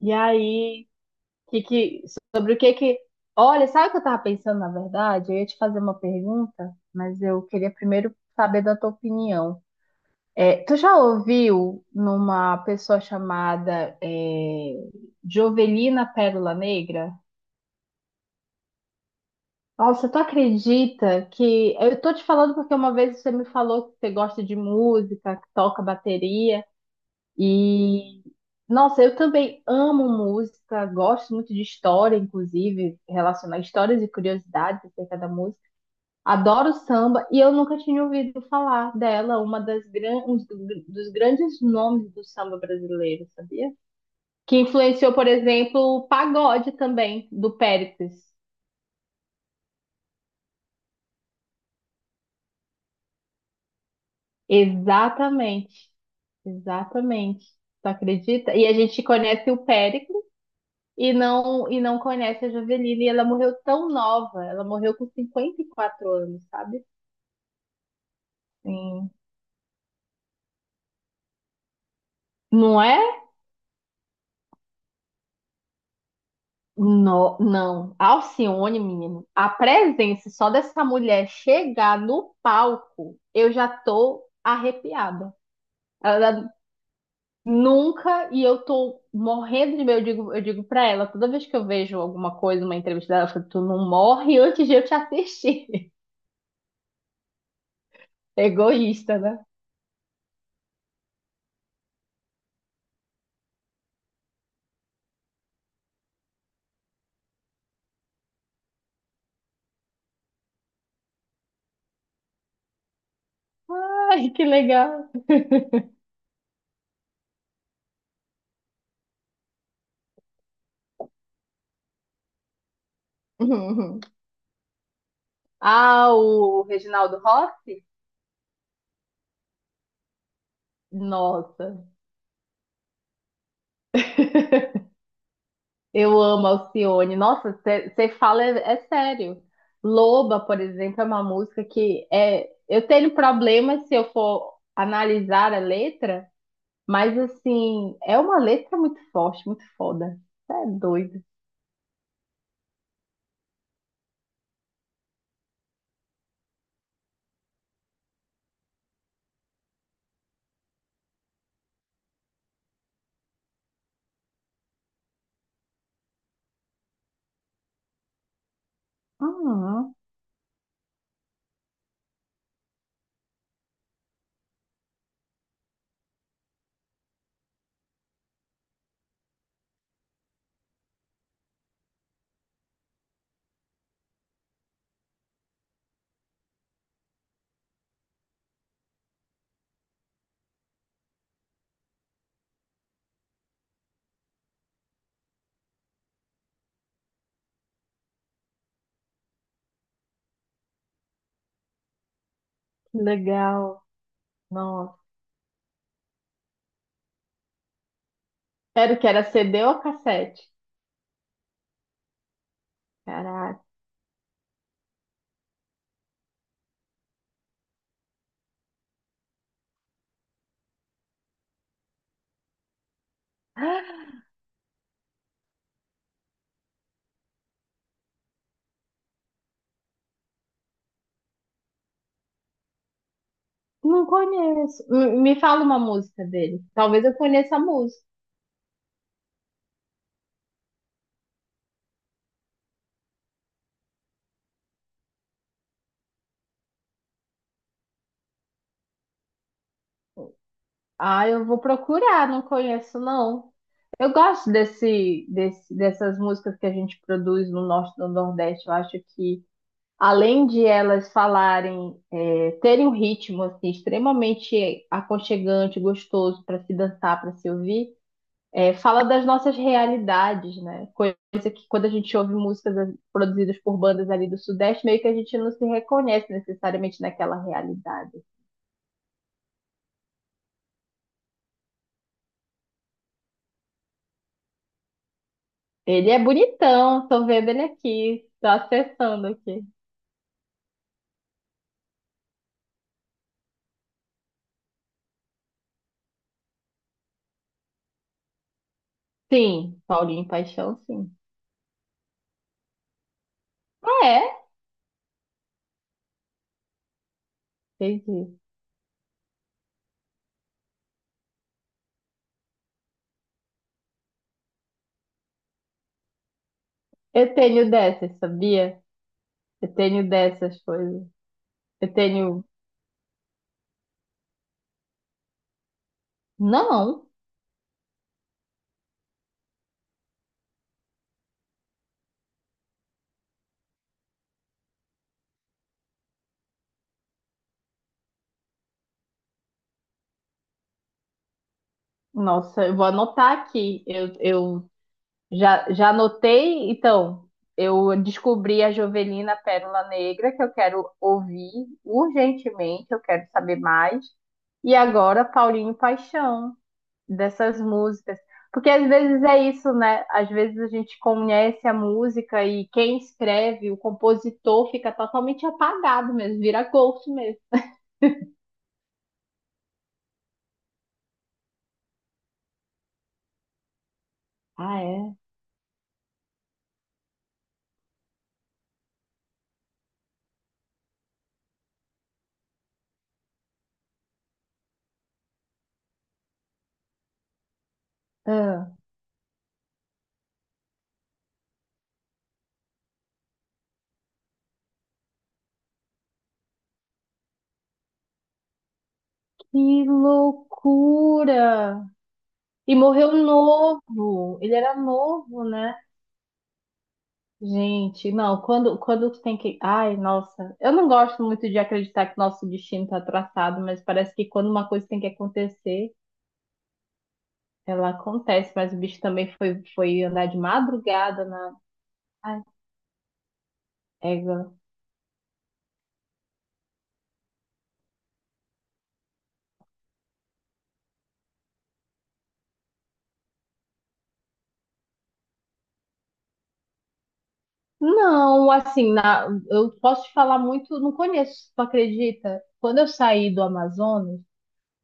E aí, que, sobre o que que. Olha, sabe o que eu tava pensando, na verdade? Eu ia te fazer uma pergunta, mas eu queria primeiro saber da tua opinião. Tu já ouviu numa pessoa chamada Jovelina Pérola Negra? Nossa, tu acredita que. Eu tô te falando porque uma vez você me falou que você gosta de música, que toca bateria. E, nossa, eu também amo música, gosto muito de história, inclusive, relacionar histórias e curiosidades acerca da música. Adoro samba e eu nunca tinha ouvido falar dela, um dos grandes nomes do samba brasileiro, sabia? Que influenciou, por exemplo, o pagode também, do Péricles. Exatamente, exatamente. Tu acredita? E a gente conhece o Péricles e não conhece a Javeline. E ela morreu tão nova, ela morreu com 54 anos, sabe? Sim. Não é? No, não. Alcione, menino, a presença só dessa mulher chegar no palco, eu já tô arrepiada. Ela nunca, e eu tô morrendo de medo, eu digo pra ela, toda vez que eu vejo alguma coisa, uma entrevista dela, eu falo, tu não morre antes de eu te assistir. Egoísta, né? Ai, que legal. Ah, o Reginaldo Rossi? Nossa, eu amo Alcione. Nossa, você fala é sério. Loba, por exemplo, é uma música que é. Eu tenho problemas se eu for analisar a letra, mas assim, é uma letra muito forte, muito foda. Cê é doido. Ah, que legal. Nossa. Era o que era CD ou cassete? Caraca. Não conheço. Me fala uma música dele. Talvez eu conheça a música. Ah, eu vou procurar, não conheço não. Eu gosto dessas músicas que a gente produz no Norte e no Nordeste. Eu acho que, além de elas falarem, terem um ritmo assim, extremamente aconchegante, gostoso para se dançar, para se ouvir, fala das nossas realidades, né? Coisa que quando a gente ouve músicas produzidas por bandas ali do Sudeste, meio que a gente não se reconhece necessariamente naquela realidade. Ele é bonitão, tô vendo ele aqui, tô acessando aqui. Sim, Paulinho Paixão, sim. Ah, é? Entendi. Eu tenho dessas, sabia? Eu tenho dessas coisas. Eu tenho. Não! Nossa, eu vou anotar aqui. Eu já anotei, então. Eu descobri a Jovelina Pérola Negra, que eu quero ouvir urgentemente, eu quero saber mais. E agora, Paulinho Paixão. Dessas músicas. Porque às vezes é isso, né? Às vezes a gente conhece a música e quem escreve, o compositor, fica totalmente apagado mesmo, vira ghost mesmo. Ah, é? Ah, que loucura! E morreu novo. Ele era novo, né? Gente, não, quando tem que. Ai, nossa, eu não gosto muito de acreditar que nosso destino está traçado, mas parece que quando uma coisa tem que acontecer, ela acontece, mas o bicho também foi, foi andar de madrugada na. Ai, égua. Não, eu posso te falar muito, não conheço, tu acredita? Quando eu saí do Amazonas,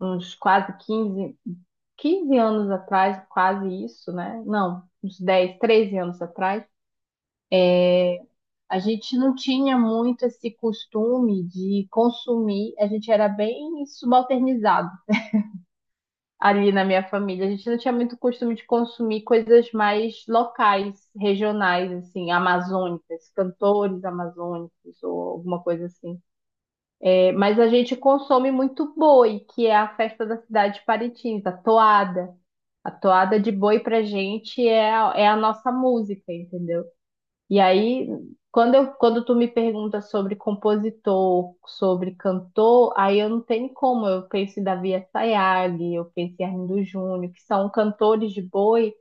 uns quase quinze anos atrás, quase isso, né? Não, uns 10 13 anos atrás, a gente não tinha muito esse costume de consumir, a gente era bem subalternizado ali na minha família. A gente não tinha muito costume de consumir coisas mais locais, regionais, assim, amazônicas, cantores amazônicos ou alguma coisa assim. É, mas a gente consome muito boi, que é a festa da cidade de Parintins, a toada. A toada de boi pra gente é a nossa música, entendeu? E aí, quando tu me pergunta sobre compositor, sobre cantor, aí eu não tenho como. Eu penso em Davi Assayag, eu penso em Arlindo Júnior, que são cantores de boi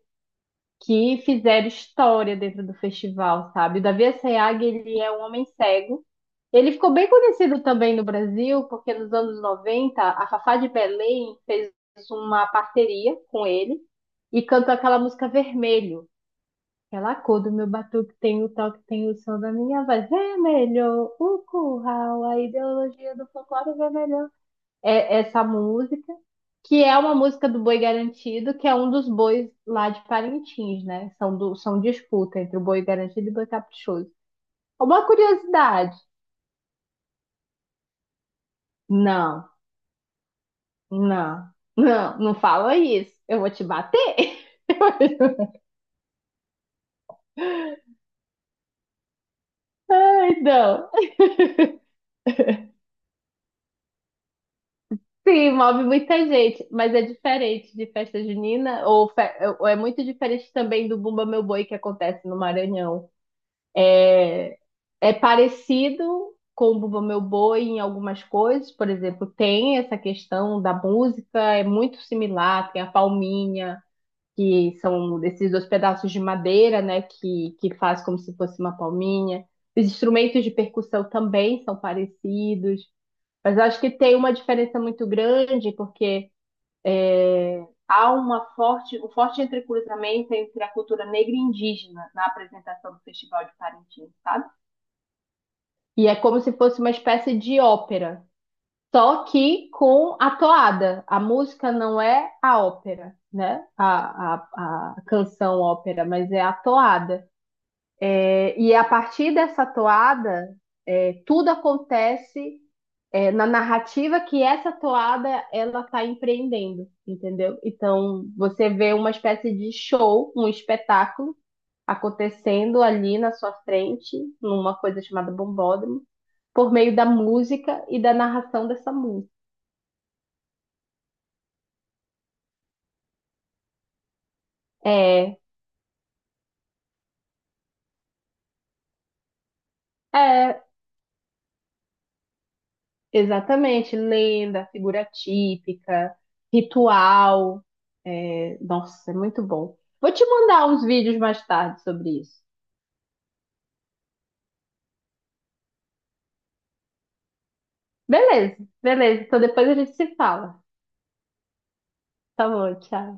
que fizeram história dentro do festival, sabe? O Davi Assayag, ele é um homem cego. Ele ficou bem conhecido também no Brasil, porque nos anos 90 a Fafá de Belém fez uma parceria com ele e cantou aquela música Vermelho. Aquela cor do meu batuque tem o toque, tem o som da minha voz. Vermelho, o curral, a ideologia do folclore vermelho. É essa música, que é uma música do Boi Garantido, que é um dos bois lá de Parintins, né? São disputa entre o Boi Garantido e o Boi Caprichoso. Uma curiosidade. Não, não, não fala isso. Eu vou te bater. Não. Sim, move muita gente, mas é diferente de festa junina, ou é muito diferente também do Bumba Meu Boi que acontece no Maranhão. É, é parecido com o Bumba Meu Boi em algumas coisas, por exemplo, tem essa questão da música, é muito similar, tem a palminha, que são esses dois pedaços de madeira, né, que faz como se fosse uma palminha. Os instrumentos de percussão também são parecidos, mas eu acho que tem uma diferença muito grande, porque há uma forte, um forte entrecruzamento entre a cultura negra e indígena na apresentação do Festival de Parintins, sabe? E é como se fosse uma espécie de ópera, só que com a toada. A música não é a ópera, né? A canção ópera, mas é a toada. E a partir dessa toada, tudo acontece na narrativa que essa toada ela está empreendendo, entendeu? Então você vê uma espécie de show, um espetáculo acontecendo ali na sua frente, numa coisa chamada bombódromo, por meio da música e da narração dessa música. É, é, Exatamente, lenda, figura típica, ritual. Nossa, é muito bom. Vou te mandar uns vídeos mais tarde sobre isso. Beleza, beleza. Então depois a gente se fala. Tá bom, tchau.